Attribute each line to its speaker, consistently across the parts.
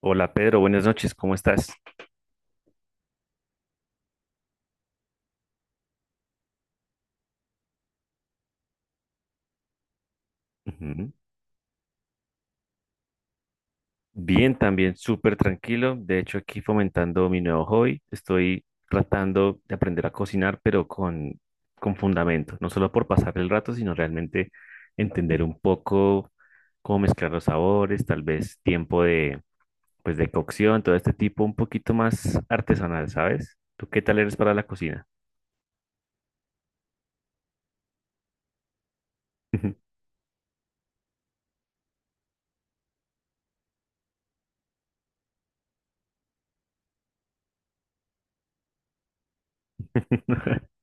Speaker 1: Hola Pedro, buenas noches, ¿cómo estás? Ujú. Bien, también súper tranquilo. De hecho, aquí fomentando mi nuevo hobby. Estoy tratando de aprender a cocinar, pero con fundamento. No solo por pasar el rato, sino realmente entender un poco cómo mezclar los sabores, tal vez tiempo de, pues, de cocción, todo este tipo un poquito más artesanal, ¿sabes? ¿Tú qué tal eres para la cocina?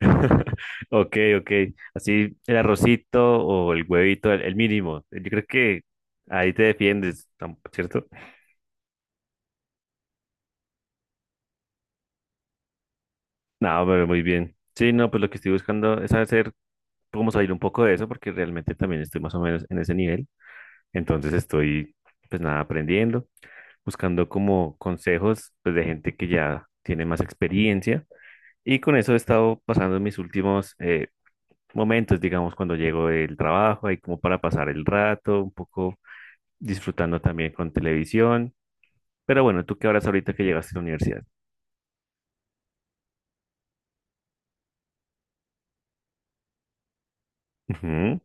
Speaker 1: Ok, ok. Así el arrocito o el huevito, el mínimo. Yo creo que ahí te defiendes, tam- ¿cierto? No, pero muy bien. Sí, no, pues lo que estoy buscando es hacer, cómo salir un poco de eso, porque realmente también estoy más o menos en ese nivel. Entonces estoy, pues nada, aprendiendo, buscando como consejos, pues de gente que ya tiene más experiencia. Y con eso he estado pasando mis últimos momentos, digamos, cuando llego del trabajo, ahí como para pasar el rato, un poco disfrutando también con televisión. Pero bueno, ¿tú qué harás ahorita que llegaste a la universidad? Ujú,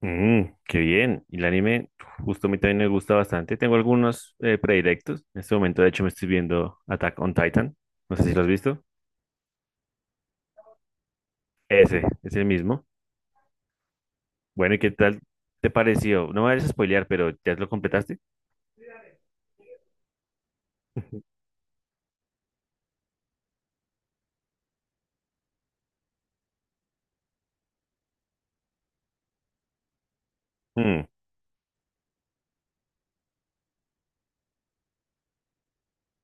Speaker 1: mm, qué bien. Y el anime, justo a mí también me gusta bastante. Tengo algunos predilectos. En este momento, de hecho, me estoy viendo Attack on Titan. No sé si lo has visto. Ese, es el mismo. Bueno, ¿y qué tal te pareció? No me vayas a spoilear, pero ¿ya lo completaste? Ujú. Mm,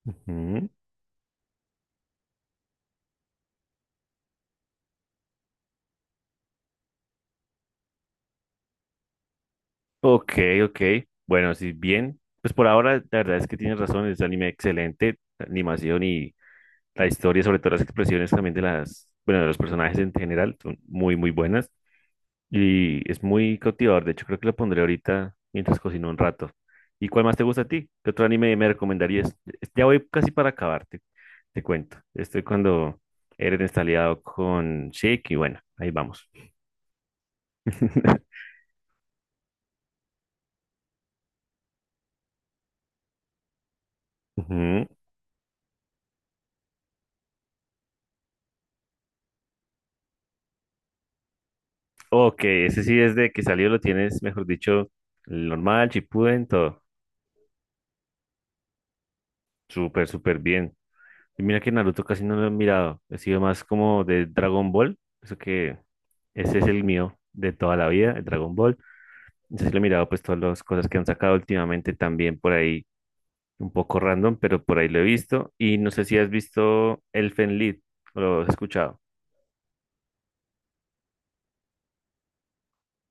Speaker 1: ujú. Ok, ok. Bueno, si bien, pues por ahora la verdad es que tienes razón, es un anime excelente, animación y la historia, sobre todo las expresiones también de las, bueno, de los personajes en general, son muy, muy buenas. Y es muy cautivador. De hecho, creo que lo pondré ahorita mientras cocino un rato. ¿Y cuál más te gusta a ti? ¿Qué otro anime me recomendarías? Ya voy casi para acabarte, te cuento. Estoy cuando Eren está aliado con Sheik y bueno, ahí vamos. Ujú. Ok, ese sí desde que salió lo tienes, mejor dicho, el normal, Shippuden, todo. Súper, súper bien. Y mira que Naruto casi no lo he mirado. He sido más como de Dragon Ball. Eso que ese es el mío de toda la vida, el Dragon Ball. Entonces sí lo he mirado pues todas las cosas que han sacado últimamente también por ahí, un poco random, pero por ahí lo he visto. Y no sé si has visto Elfen Lied o lo has escuchado.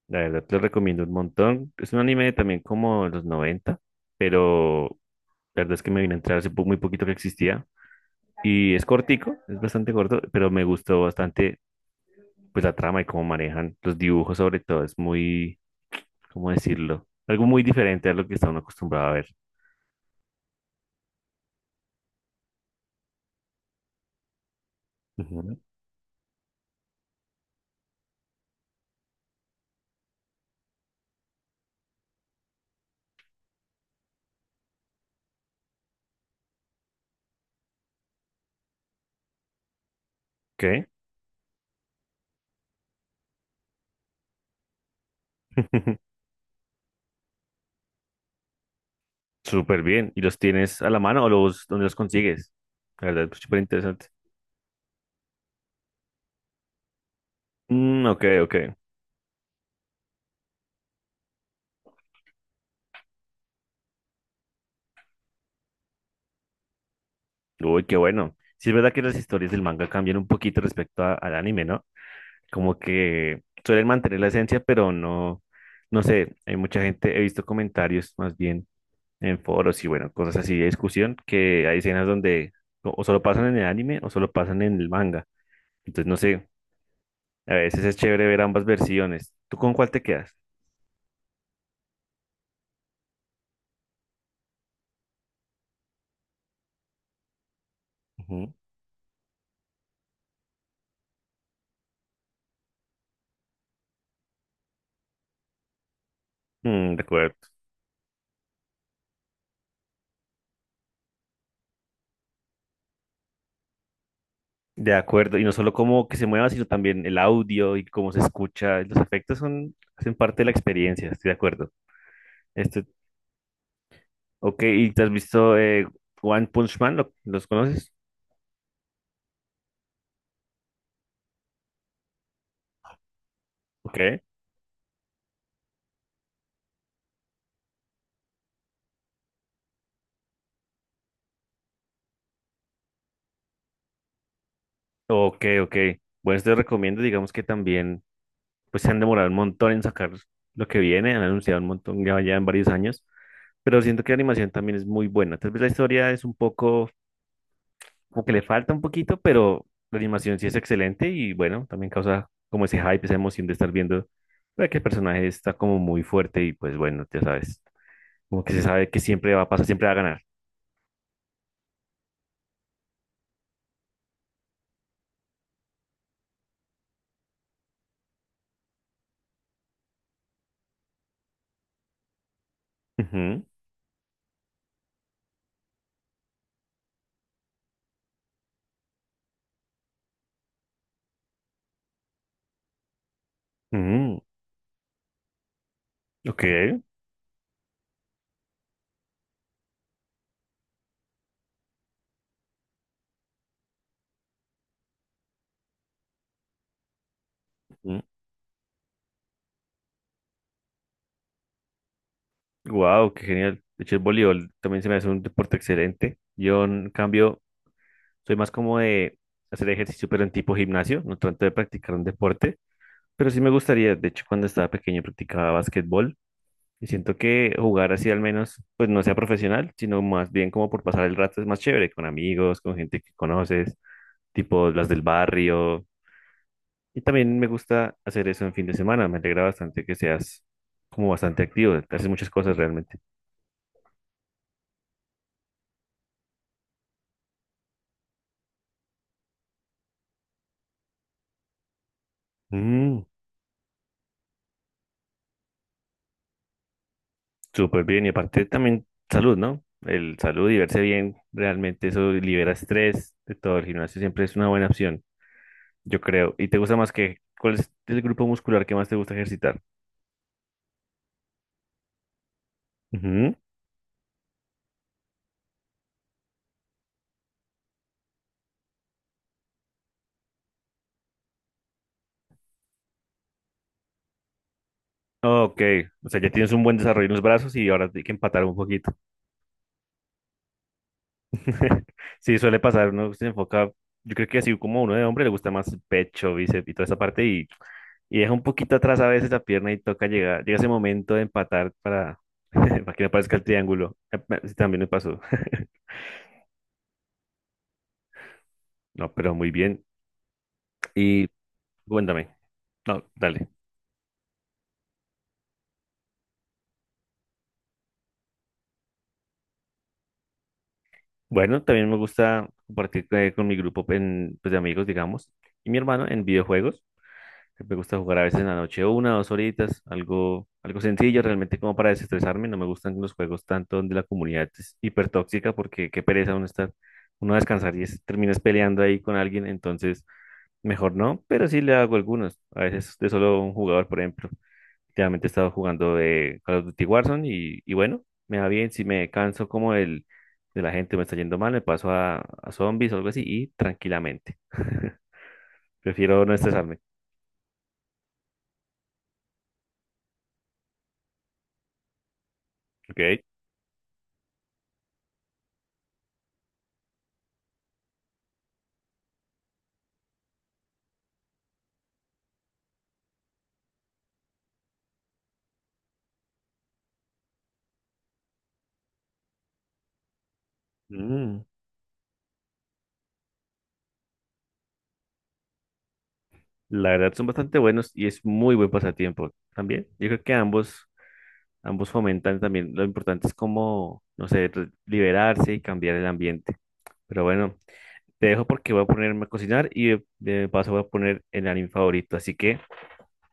Speaker 1: La verdad te lo recomiendo un montón. Es un anime también como de los 90, pero la verdad es que me vine a entrar hace po- muy poquito que existía. Y es cortico, es bastante corto, pero me gustó bastante pues la trama y cómo manejan los dibujos sobre todo es muy, ¿cómo decirlo? Algo muy diferente a lo que está uno acostumbrado a ver. Ujú. ¿Qué? Súper bien. ¿Y los tienes a la mano o los, dónde los consigues? La verdad, es súper interesante. Mm, ok, ok. Uy, qué bueno. Sí, es verdad que las historias del manga cambian un poquito respecto a- al anime, ¿no? Como que suelen mantener la esencia, pero no, no sé, hay mucha gente, he visto comentarios más bien en foros y bueno, cosas así de discusión, que hay escenas donde o solo pasan en el anime o solo pasan en el manga. Entonces, no sé, a veces es chévere ver ambas versiones. ¿Tú con cuál te quedas? Ujú. Mm, de acuerdo. De acuerdo, y no solo cómo que se mueva, sino también el audio y cómo se escucha. Los efectos son, hacen parte de la experiencia, estoy de acuerdo. Este, ok, ¿y te has visto One Punch Man? ¿Lo- ¿Los conoces? Ok, ok, ok. Bueno, te recomiendo, digamos que también. Pues se han demorado un montón en sacar lo que viene, han anunciado un montón ya, ya en varios años, pero siento que la animación también es muy buena. Tal vez la historia es un poco, como que le falta un poquito, pero la animación sí es excelente y bueno, también causa como ese hype, esa emoción de estar viendo que el personaje está como muy fuerte y pues bueno, ya sabes, como que se sabe que siempre va a pasar, siempre va a ganar. Ujú, ujú, ok, wow, qué genial. De hecho, el voleibol también se me hace un deporte excelente. Yo, en cambio, soy más como de hacer ejercicio, pero en tipo gimnasio, no tanto de practicar un deporte, pero sí me gustaría, de hecho, cuando estaba pequeño practicaba básquetbol y siento que jugar así al menos, pues no sea profesional, sino más bien como por pasar el rato es más chévere, con amigos, con gente que conoces, tipo las del barrio. Y también me gusta hacer eso en fin de semana, me alegra bastante que seas como bastante activo, haces muchas cosas realmente. Mm. Súper bien, y aparte también salud, ¿no? El salud y verse bien, realmente eso libera estrés de todo. El gimnasio siempre es una buena opción, yo creo. ¿Y te gusta más que, cuál es el grupo muscular que más te gusta ejercitar? Ujú. Ok, o sea, ya tienes un buen desarrollo en los brazos y ahora hay que empatar un poquito. Sí, suele pasar, uno se enfoca, yo creo que así como uno de hombre le gusta más el pecho, bíceps y toda esa parte y deja un poquito atrás a veces la pierna y toca llegar, llega ese momento de empatar para, para que no aparezca el triángulo. Sí, también me pasó. No, pero muy bien. Y cuéntame. No, dale. Bueno, también me gusta compartir con mi grupo en, pues, de amigos, digamos, y mi hermano en videojuegos. Me gusta jugar a veces en la noche una, o dos horitas, algo, algo sencillo realmente como para desestresarme. No me gustan los juegos tanto donde la comunidad es hipertóxica porque qué pereza uno estar, uno a descansar y es- terminas peleando ahí con alguien. Entonces, mejor no, pero sí le hago algunos. A veces de solo un jugador, por ejemplo. Últimamente he estado jugando de Call of Duty Warzone y bueno, me va bien. Si me canso como el de la gente me está yendo mal, me paso a zombies o algo así y tranquilamente. Prefiero no estresarme. Ok. Mm, la verdad son bastante buenos y es muy buen pasatiempo también. Yo creo que ambos fomentan también. Lo importante es como, no sé, re- liberarse y cambiar el ambiente. Pero bueno, te dejo porque voy a ponerme a cocinar y de paso voy a poner el anime favorito. Así que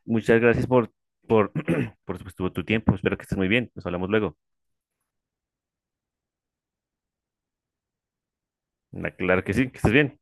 Speaker 1: muchas gracias por, por pues, tu tiempo. Espero que estés muy bien. Nos hablamos luego. Claro que sí, que estés bien.